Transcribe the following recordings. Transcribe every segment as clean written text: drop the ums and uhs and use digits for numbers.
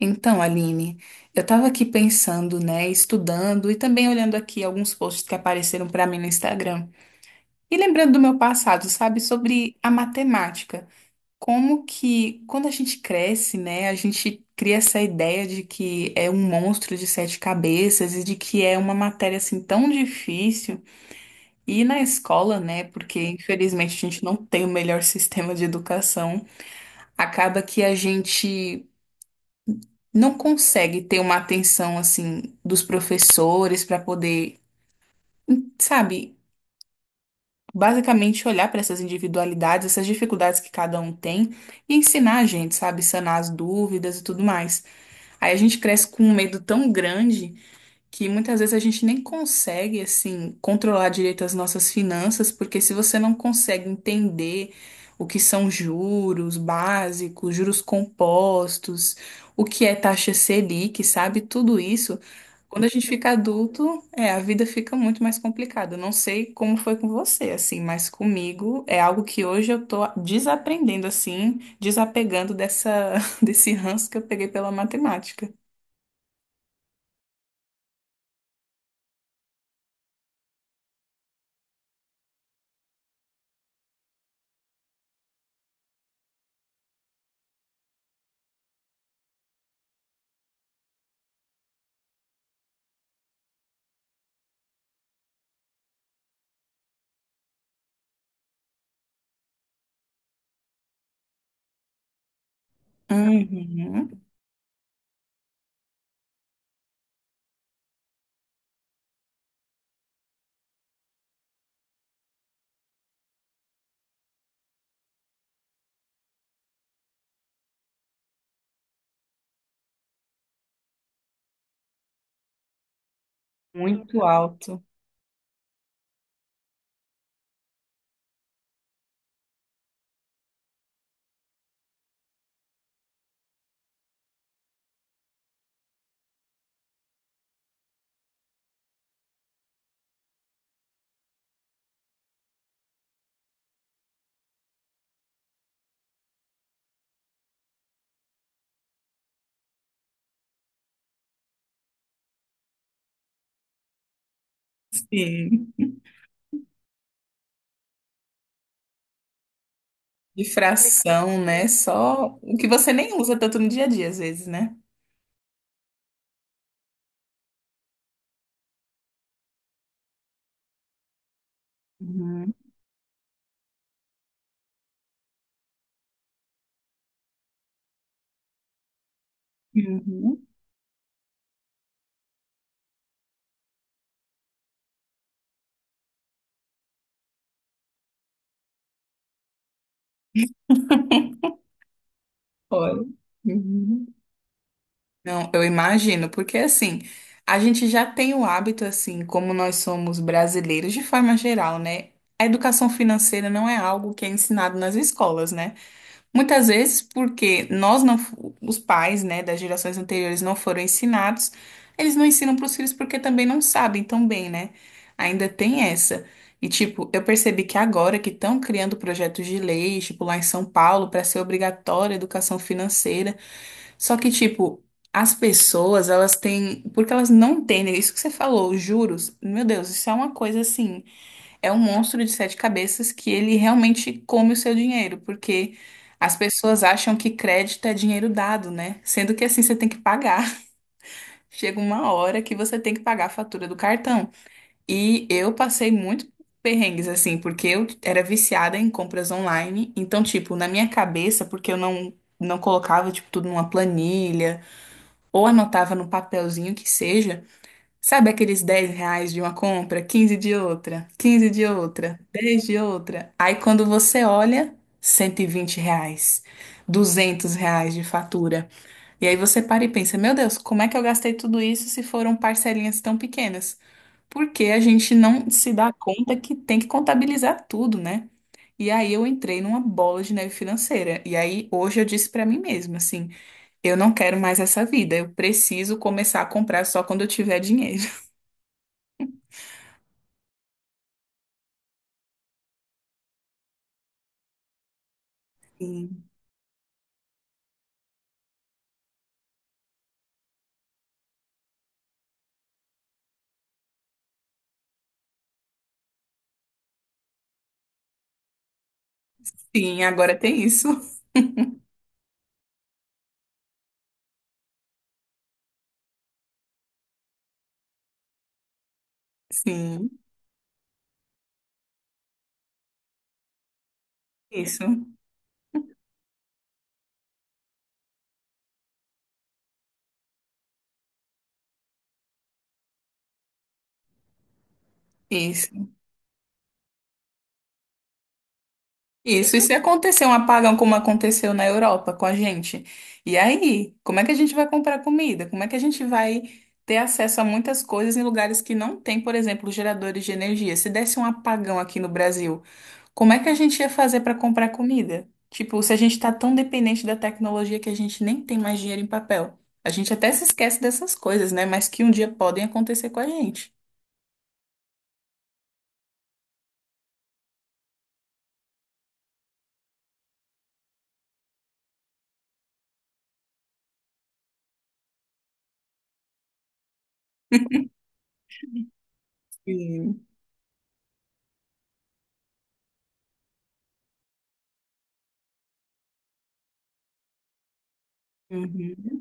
Então, Aline, eu estava aqui pensando, né, estudando e também olhando aqui alguns posts que apareceram para mim no Instagram. E lembrando do meu passado, sabe, sobre a matemática. Como que, quando a gente cresce, né, a gente cria essa ideia de que é um monstro de sete cabeças e de que é uma matéria assim tão difícil. E na escola, né, porque infelizmente a gente não tem o melhor sistema de educação, acaba que a gente. Não consegue ter uma atenção assim dos professores para poder, sabe, basicamente olhar para essas individualidades, essas dificuldades que cada um tem e ensinar a gente, sabe, sanar as dúvidas e tudo mais. Aí a gente cresce com um medo tão grande que muitas vezes a gente nem consegue assim controlar direito as nossas finanças, porque se você não consegue entender o que são juros básicos, juros compostos, o que é taxa Selic, sabe? Tudo isso, quando a gente fica adulto, é, a vida fica muito mais complicada. Eu não sei como foi com você, assim, mas comigo é algo que hoje eu tô desaprendendo assim, desapegando dessa desse ranço que eu peguei pela matemática. Uhum, muito alto. Sim, de fração, né? Só o que você nem usa tanto no dia a dia, às vezes, né? Uhum. Uhum. Olha. Uhum. Não, eu imagino, porque assim, a gente já tem o hábito, assim, como nós somos brasileiros, de forma geral, né? A educação financeira não é algo que é ensinado nas escolas, né? Muitas vezes porque nós não, fu- os pais, né, das gerações anteriores não foram ensinados, eles não ensinam para os filhos porque também não sabem tão bem, né? Ainda tem essa. E tipo, eu percebi que agora que estão criando projetos de lei, tipo lá em São Paulo, para ser obrigatória a educação financeira, só que tipo, as pessoas, elas têm, porque elas não entendem, isso que você falou, os juros, meu Deus, isso é uma coisa assim é um monstro de sete cabeças que ele realmente come o seu dinheiro, porque as pessoas acham que crédito é dinheiro dado, né? Sendo que assim você tem que pagar. Chega uma hora que você tem que pagar a fatura do cartão. E eu passei muito perrengues assim, porque eu era viciada em compras online, então tipo, na minha cabeça, porque eu não colocava tipo tudo numa planilha ou anotava no papelzinho que seja, sabe aqueles 10 reais de uma compra, 15 de outra, 15 de outra, 10 de outra? Aí quando você olha, 120 reais, 200 reais de fatura. E aí você para e pensa, meu Deus, como é que eu gastei tudo isso se foram parcelinhas tão pequenas? Porque a gente não se dá conta que tem que contabilizar tudo, né? E aí eu entrei numa bola de neve financeira. E aí hoje eu disse pra mim mesma, assim, eu não quero mais essa vida, eu preciso começar a comprar só quando eu tiver dinheiro. Sim. Sim, agora tem isso. Sim, isso, isso, isso. E se acontecer um apagão como aconteceu na Europa com a gente? E aí, como é que a gente vai comprar comida? Como é que a gente vai ter acesso a muitas coisas em lugares que não tem, por exemplo, geradores de energia? Se desse um apagão aqui no Brasil, como é que a gente ia fazer para comprar comida? Tipo, se a gente está tão dependente da tecnologia que a gente nem tem mais dinheiro em papel. A gente até se esquece dessas coisas, né? Mas que um dia podem acontecer com a gente. Sim. Uhum.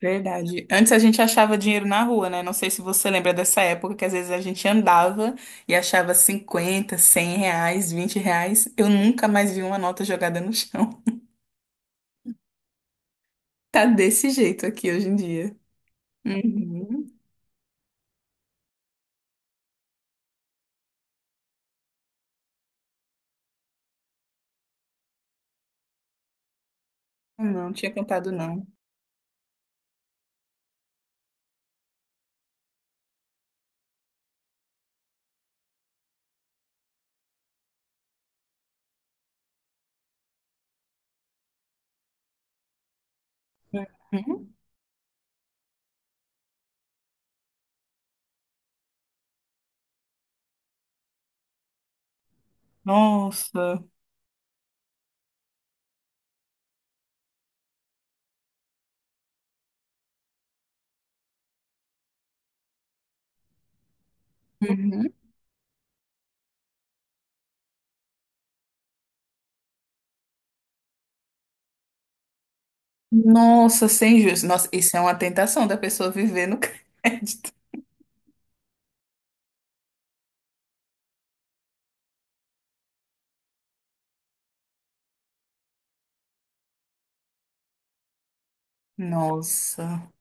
Verdade. Antes a gente achava dinheiro na rua, né? Não sei se você lembra dessa época que às vezes a gente andava e achava 50, 100 reais, 20 reais. Eu nunca mais vi uma nota jogada no chão. Tá desse jeito aqui hoje em dia. Uhum. Não, tinha contado não. Uhum. Nossa. Uhum. Nossa, sem juros. Nossa, isso é uma tentação da pessoa viver no crédito. Nossa.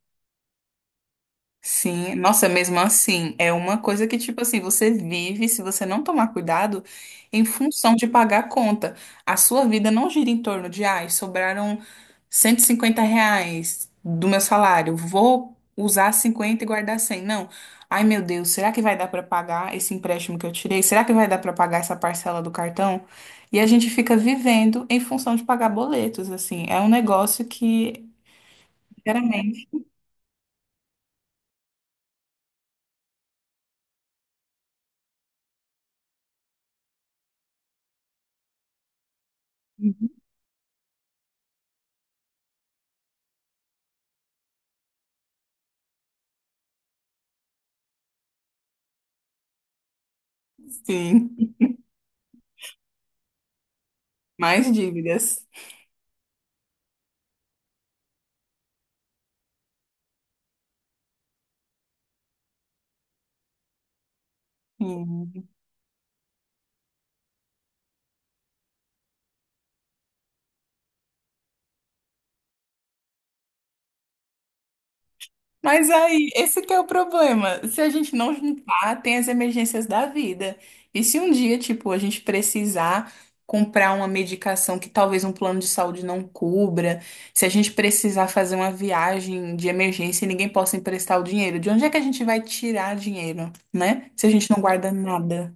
Sim, nossa, mesmo assim, é uma coisa que, tipo assim, você vive, se você não tomar cuidado, em função de pagar a conta. A sua vida não gira em torno de, ai, sobraram 150 reais do meu salário, vou usar 50 e guardar 100. Não. Ai, meu Deus, será que vai dar para pagar esse empréstimo que eu tirei? Será que vai dar para pagar essa parcela do cartão? E a gente fica vivendo em função de pagar boletos, assim. É um negócio que, sinceramente, sim, mais dívidas. Sim. Mas aí, esse que é o problema. Se a gente não juntar, tem as emergências da vida. E se um dia, tipo, a gente precisar comprar uma medicação que talvez um plano de saúde não cubra, se a gente precisar fazer uma viagem de emergência e ninguém possa emprestar o dinheiro, de onde é que a gente vai tirar dinheiro, né? Se a gente não guarda nada.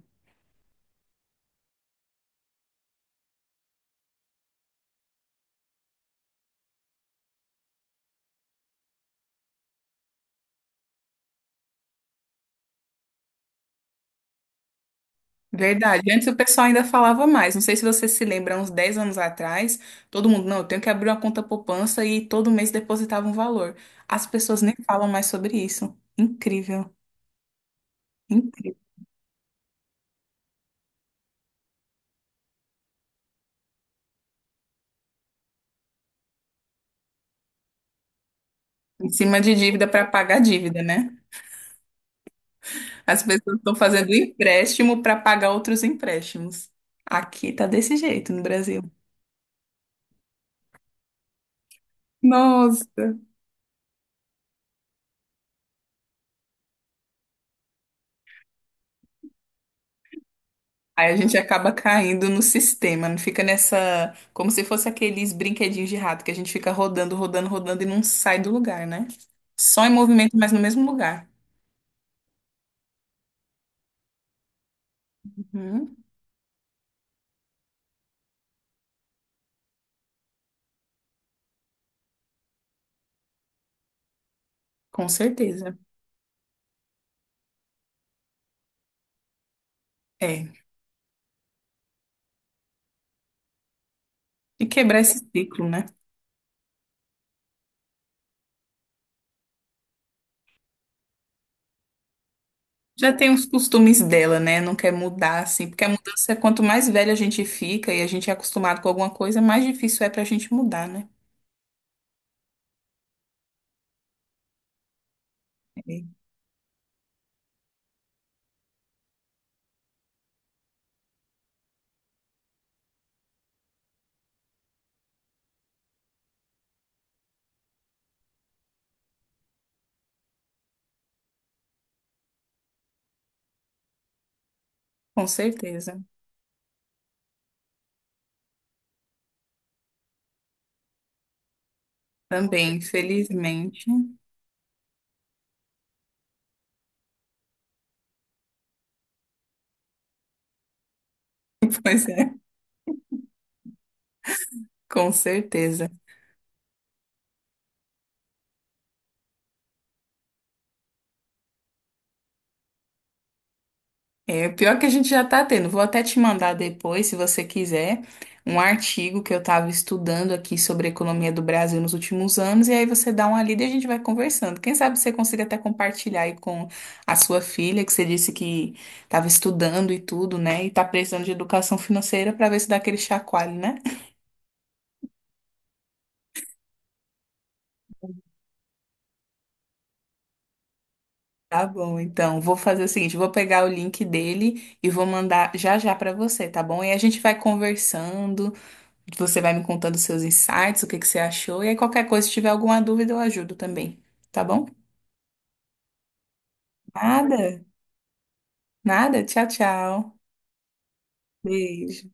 Verdade. Antes o pessoal ainda falava mais. Não sei se você se lembra, uns 10 anos atrás, todo mundo, não, eu tenho que abrir uma conta poupança e todo mês depositava um valor. As pessoas nem falam mais sobre isso. Incrível, incrível. Em cima de dívida para pagar dívida, né? As pessoas estão fazendo empréstimo para pagar outros empréstimos. Aqui tá desse jeito no Brasil. Nossa. Aí a gente acaba caindo no sistema, não fica nessa. Como se fosse aqueles brinquedinhos de rato que a gente fica rodando, rodando, rodando e não sai do lugar, né? Só em movimento, mas no mesmo lugar. Uhum, com certeza. É. E quebrar esse ciclo, né? Já tem os costumes dela, né? Não quer mudar, assim. Porque a mudança, é quanto mais velha a gente fica e a gente é acostumado com alguma coisa, mais difícil é pra gente mudar, né? É, com certeza. Também, felizmente. Pois é, com certeza. É, pior que a gente já tá tendo. Vou até te mandar depois, se você quiser, um artigo que eu tava estudando aqui sobre a economia do Brasil nos últimos anos, e aí você dá uma lida e a gente vai conversando. Quem sabe você consiga até compartilhar aí com a sua filha, que você disse que tava estudando e tudo, né? E tá precisando de educação financeira pra ver se dá aquele chacoalho, né? Tá bom, então vou fazer o seguinte, vou pegar o link dele e vou mandar já já pra você, tá bom? E a gente vai conversando. Você vai me contando seus insights, o que que você achou, e aí qualquer coisa, se tiver alguma dúvida, eu ajudo também, tá bom? Nada, nada. Tchau, tchau. Beijo.